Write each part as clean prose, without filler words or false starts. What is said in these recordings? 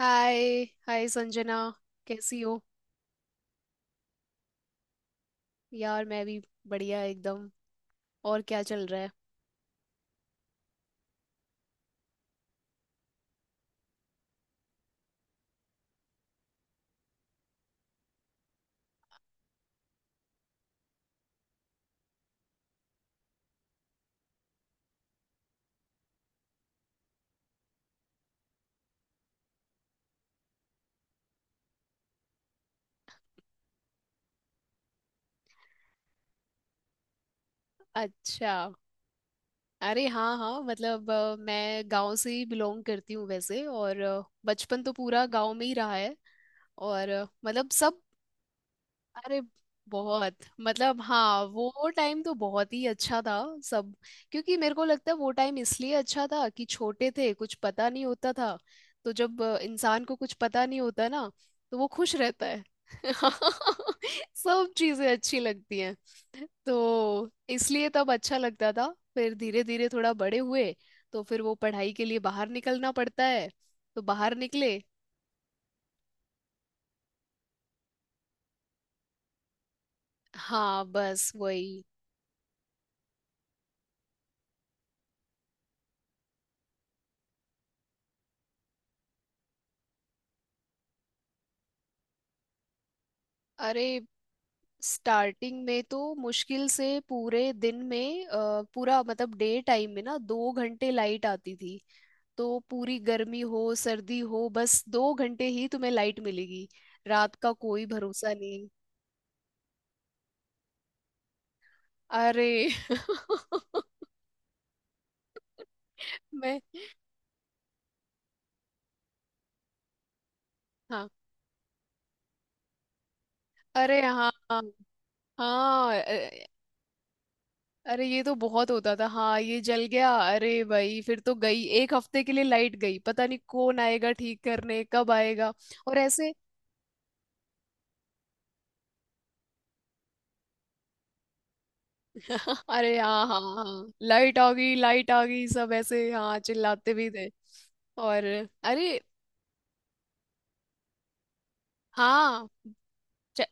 हाय hi Sanjana. कैसी हो? यार, मैं भी बढ़िया एकदम। और क्या चल रहा है? अच्छा। अरे हाँ हाँ, मतलब मैं गांव से ही बिलोंग करती हूँ वैसे। और बचपन तो पूरा गांव में ही रहा है। और मतलब सब। अरे बहुत। मतलब हाँ, वो टाइम तो बहुत ही अच्छा था। सब। क्योंकि मेरे को लगता है वो टाइम इसलिए अच्छा था कि छोटे थे, कुछ पता नहीं होता था। तो जब इंसान को कुछ पता नहीं होता ना, तो वो खुश रहता है सब चीजें अच्छी लगती हैं। तो इसलिए तब अच्छा लगता था। फिर धीरे धीरे थोड़ा बड़े हुए, तो फिर वो पढ़ाई के लिए बाहर निकलना पड़ता है। तो बाहर निकले। हाँ बस वही। अरे। स्टार्टिंग में तो मुश्किल से पूरे दिन में पूरा मतलब डे टाइम में ना 2 घंटे लाइट आती थी। तो पूरी गर्मी हो सर्दी हो, बस 2 घंटे ही तुम्हें लाइट मिलेगी। रात का कोई भरोसा नहीं। अरे मैं। हाँ। अरे हाँ हाँ। हाँ, अरे ये तो बहुत होता था। हाँ ये जल गया, अरे भाई फिर तो गई, एक हफ्ते के लिए लाइट गई, पता नहीं कौन आएगा ठीक करने, कब आएगा। और ऐसे। अरे हाँ हाँ हाँ। लाइट आ गई सब ऐसे हाँ चिल्लाते भी थे। और। अरे हाँ। च-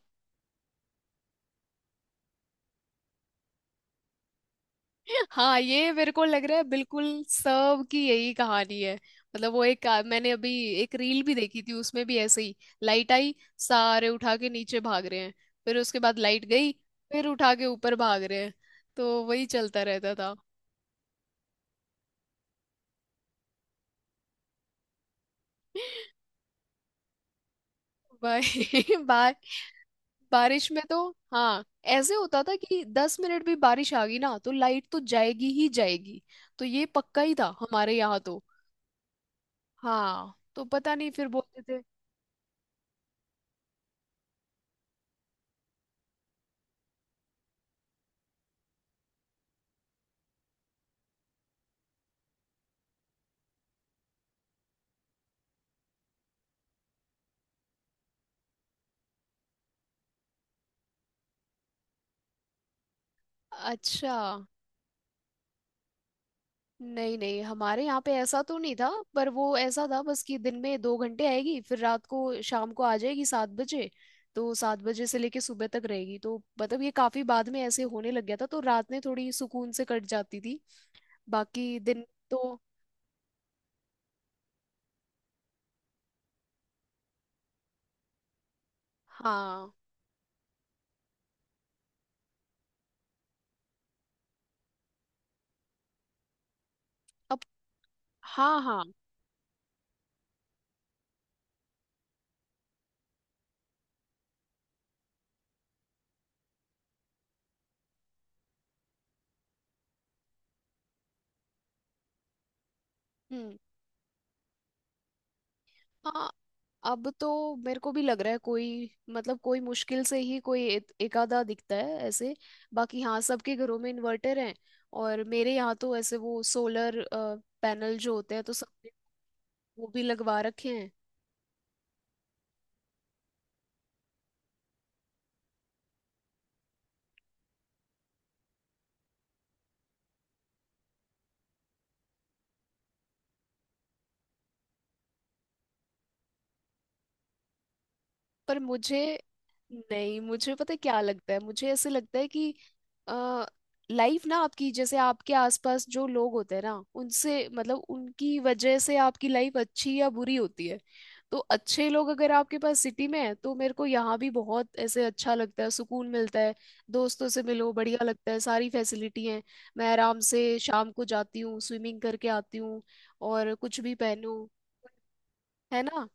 हाँ, ये मेरे को लग रहा है बिल्कुल सब की यही कहानी है। मतलब वो एक मैंने अभी एक रील भी देखी थी, उसमें भी ऐसे ही लाइट आई सारे उठा के नीचे भाग रहे हैं। फिर उसके बाद लाइट गई, फिर उठा के ऊपर भाग रहे हैं। तो वही चलता रहता था। वही बारिश में तो। हाँ ऐसे होता था कि 10 मिनट भी बारिश आ गई ना तो लाइट तो जाएगी ही जाएगी। तो ये पक्का ही था हमारे यहाँ तो। हाँ तो पता नहीं फिर बोलते थे। अच्छा। नहीं नहीं हमारे यहाँ पे ऐसा तो नहीं था। पर वो ऐसा था बस कि दिन में 2 घंटे आएगी, फिर रात को शाम को आ जाएगी 7 बजे। तो 7 बजे से लेके सुबह तक रहेगी, तो मतलब ये काफी बाद में ऐसे होने लग गया था, तो रात में थोड़ी सुकून से कट जाती थी। बाकी दिन तो हाँ। अब हाँ हाँ। हम्म। हाँ, अब तो मेरे को भी लग रहा है कोई, मतलब कोई मुश्किल से ही कोई एक एकाधा दिखता है ऐसे। बाकी हाँ सबके घरों में इन्वर्टर हैं। और मेरे यहाँ तो ऐसे वो सोलर पैनल जो होते हैं तो सबने वो भी लगवा रखे हैं। पर मुझे। नहीं, मुझे पता है क्या लगता है मुझे, ऐसे लगता है कि आ, लाइफ ना आपकी, जैसे आपके आसपास जो लोग होते हैं ना उनसे, मतलब उनकी वजह से आपकी लाइफ अच्छी या बुरी होती है। तो अच्छे लोग अगर आपके पास सिटी में है, तो मेरे को यहाँ भी बहुत ऐसे अच्छा लगता है, सुकून मिलता है। दोस्तों से मिलो बढ़िया लगता है, सारी फैसिलिटी है। मैं आराम से शाम को जाती हूँ, स्विमिंग करके आती हूँ, और कुछ भी पहनूं, है ना।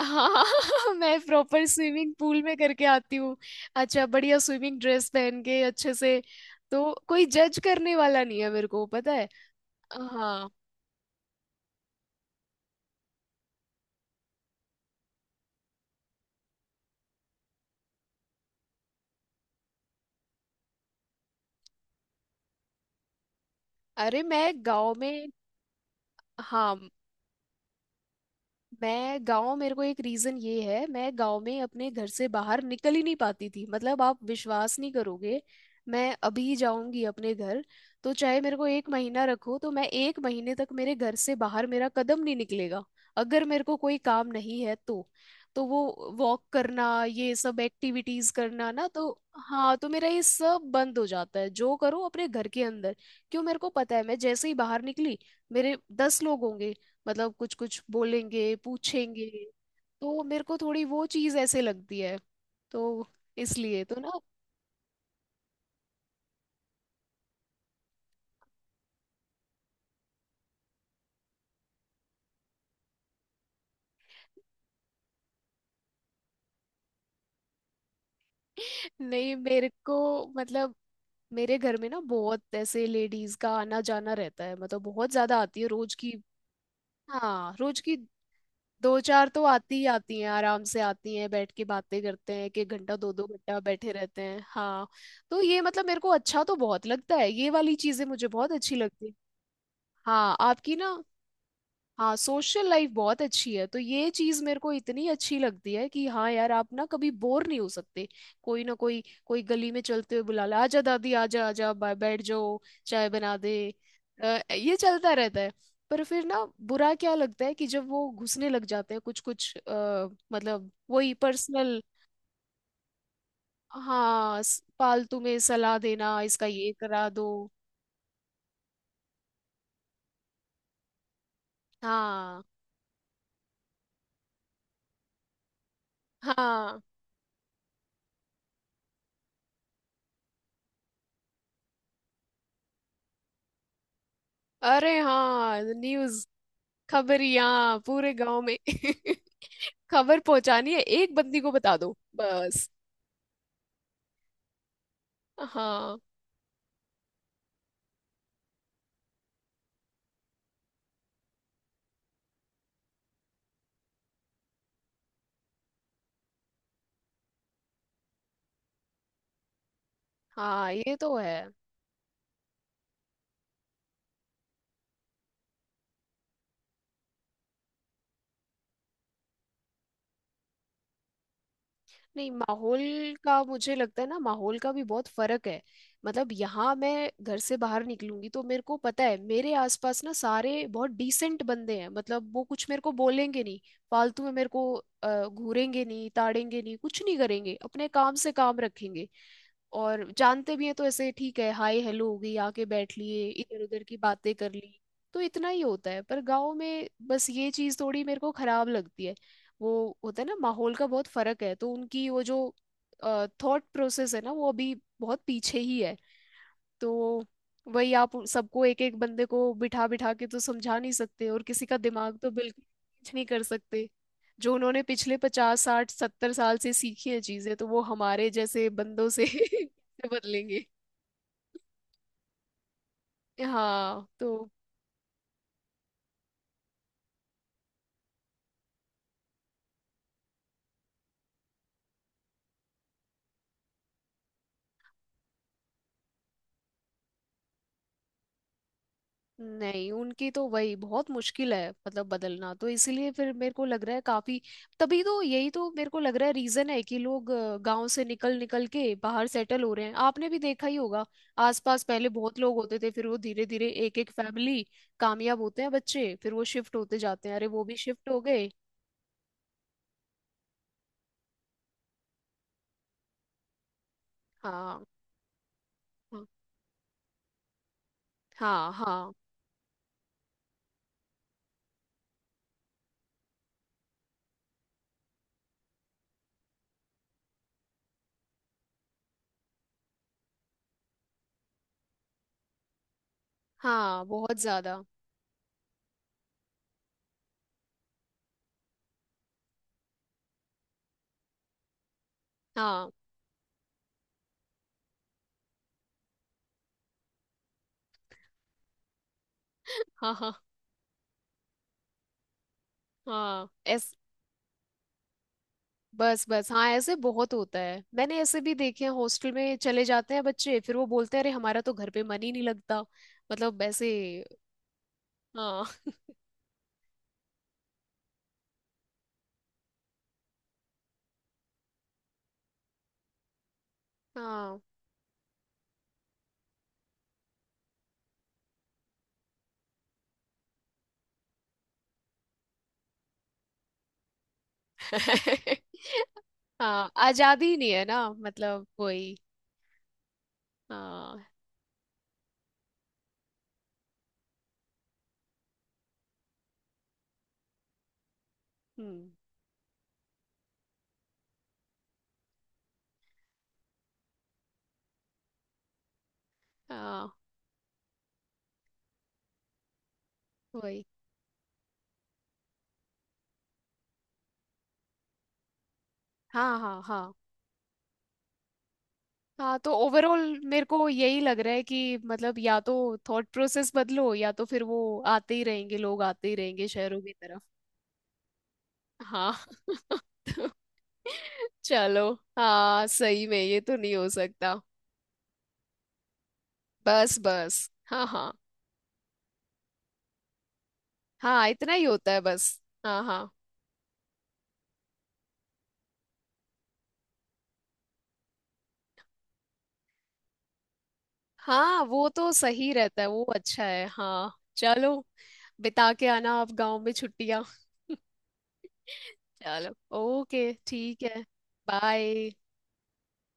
हाँ मैं प्रॉपर स्विमिंग पूल में करके आती हूँ। अच्छा बढ़िया स्विमिंग ड्रेस पहन के अच्छे से। तो कोई जज करने वाला नहीं है, मेरे को पता है। हाँ। अरे मैं गांव में। हाँ, मैं गांव, मेरे को एक रीजन ये है, मैं गांव में अपने घर से बाहर निकल ही नहीं पाती थी, मतलब आप विश्वास नहीं करोगे। मैं अभी जाऊंगी अपने घर, तो चाहे मेरे को एक महीना रखो, तो मैं एक महीने तक मेरे घर से बाहर मेरा कदम नहीं निकलेगा, अगर मेरे को कोई काम नहीं है तो। तो वो वॉक करना ये सब एक्टिविटीज करना ना, तो हाँ तो मेरा ये सब बंद हो जाता है, जो करो अपने घर के अंदर। क्यों, मेरे को पता है मैं जैसे ही बाहर निकली, मेरे 10 लोग होंगे, मतलब कुछ कुछ बोलेंगे पूछेंगे। तो मेरे को थोड़ी वो चीज ऐसे लगती है। तो इसलिए तो ना नहीं मेरे को। मतलब मेरे घर में ना बहुत ऐसे लेडीज का आना जाना रहता है, मतलब बहुत ज्यादा आती है रोज की। हाँ रोज की दो चार तो आती ही आती हैं, आराम से आती हैं, बैठ के बातें करते हैं, एक एक घंटा दो दो घंटा बैठे रहते हैं हाँ। तो ये मतलब मेरे को अच्छा तो बहुत लगता है, ये वाली चीजें मुझे बहुत अच्छी लगती है। हाँ आपकी ना। हाँ सोशल लाइफ बहुत अच्छी है, तो ये चीज मेरे को इतनी अच्छी लगती है कि हाँ यार आप ना कभी बोर नहीं हो सकते। कोई ना कोई कोई गली में चलते हुए बुला ले, आजा दादी आजा आजा बैठ जाओ, चाय बना दे। ये चलता रहता है। पर फिर ना बुरा क्या लगता है कि जब वो घुसने लग जाते हैं कुछ कुछ मतलब वही पर्सनल। हाँ, फालतू में सलाह देना, इसका ये करा दो। हाँ हाँ। अरे हाँ न्यूज, खबरिया पूरे गांव में खबर पहुंचानी है एक बंदी को बता दो बस। हाँ हाँ ये तो है। नहीं माहौल का, मुझे लगता है ना माहौल का भी बहुत फर्क है। मतलब यहाँ मैं घर से बाहर निकलूंगी तो मेरे को पता है मेरे आसपास ना सारे बहुत डिसेंट बंदे हैं, मतलब वो कुछ मेरे को बोलेंगे नहीं, फालतू में मेरे को घूरेंगे नहीं ताड़ेंगे नहीं कुछ नहीं करेंगे, अपने काम से काम रखेंगे। और जानते भी हैं तो ऐसे ठीक है हाय हेलो हो गई, आके बैठ लिए इधर उधर की बातें कर ली। तो इतना ही होता है। पर गांव में बस ये चीज थोड़ी मेरे को खराब लगती है। वो होता है ना, माहौल का बहुत फर्क है, तो उनकी वो जो थॉट प्रोसेस है ना वो अभी बहुत पीछे ही है। तो वही आप उन सबको एक एक बंदे को बिठा बिठा के तो समझा नहीं सकते, और किसी का दिमाग तो बिल्कुल कुछ नहीं कर सकते। जो उन्होंने पिछले 50 60 70 साल से सीखी है चीजें, तो वो हमारे जैसे बंदों से कैसे बदलेंगे? हाँ तो। नहीं उनकी तो वही बहुत मुश्किल है मतलब बदलना, तो इसीलिए फिर मेरे को लग रहा है काफी। तभी तो यही तो मेरे को लग रहा है रीजन है कि लोग गांव से निकल निकल के बाहर सेटल हो रहे हैं, आपने भी देखा ही होगा। आसपास पहले बहुत लोग होते थे, फिर वो धीरे धीरे एक एक फैमिली कामयाब होते हैं बच्चे, फिर वो शिफ्ट होते जाते हैं, अरे वो भी शिफ्ट हो गए। हाँ हाँ हाँ। हाँ हाँ बहुत ज्यादा। हाँ हाँ हाँ। हाँ बस बस हाँ, ऐसे बहुत होता है, मैंने ऐसे भी देखे हैं हॉस्टल में चले जाते हैं बच्चे, फिर वो बोलते हैं अरे हमारा तो घर पे मन ही नहीं लगता, मतलब ऐसे। हाँ हाँ हाँ आजादी ही नहीं है ना मतलब वही। हाँ। हम्म। हाँ वही। हाँ हाँ हाँ। हाँ तो ओवरऑल मेरे को यही लग रहा है कि मतलब या तो थॉट प्रोसेस बदलो या तो फिर वो आते ही रहेंगे लोग, आते ही रहेंगे शहरों की तरफ। हाँ चलो। हाँ सही में ये तो नहीं हो सकता। बस बस हाँ हाँ हाँ इतना ही होता है बस। हाँ हाँ हाँ वो तो सही रहता है, वो अच्छा है हाँ। चलो बिता के आना आप गांव में छुट्टियाँ चलो। ओके ठीक है। बाय।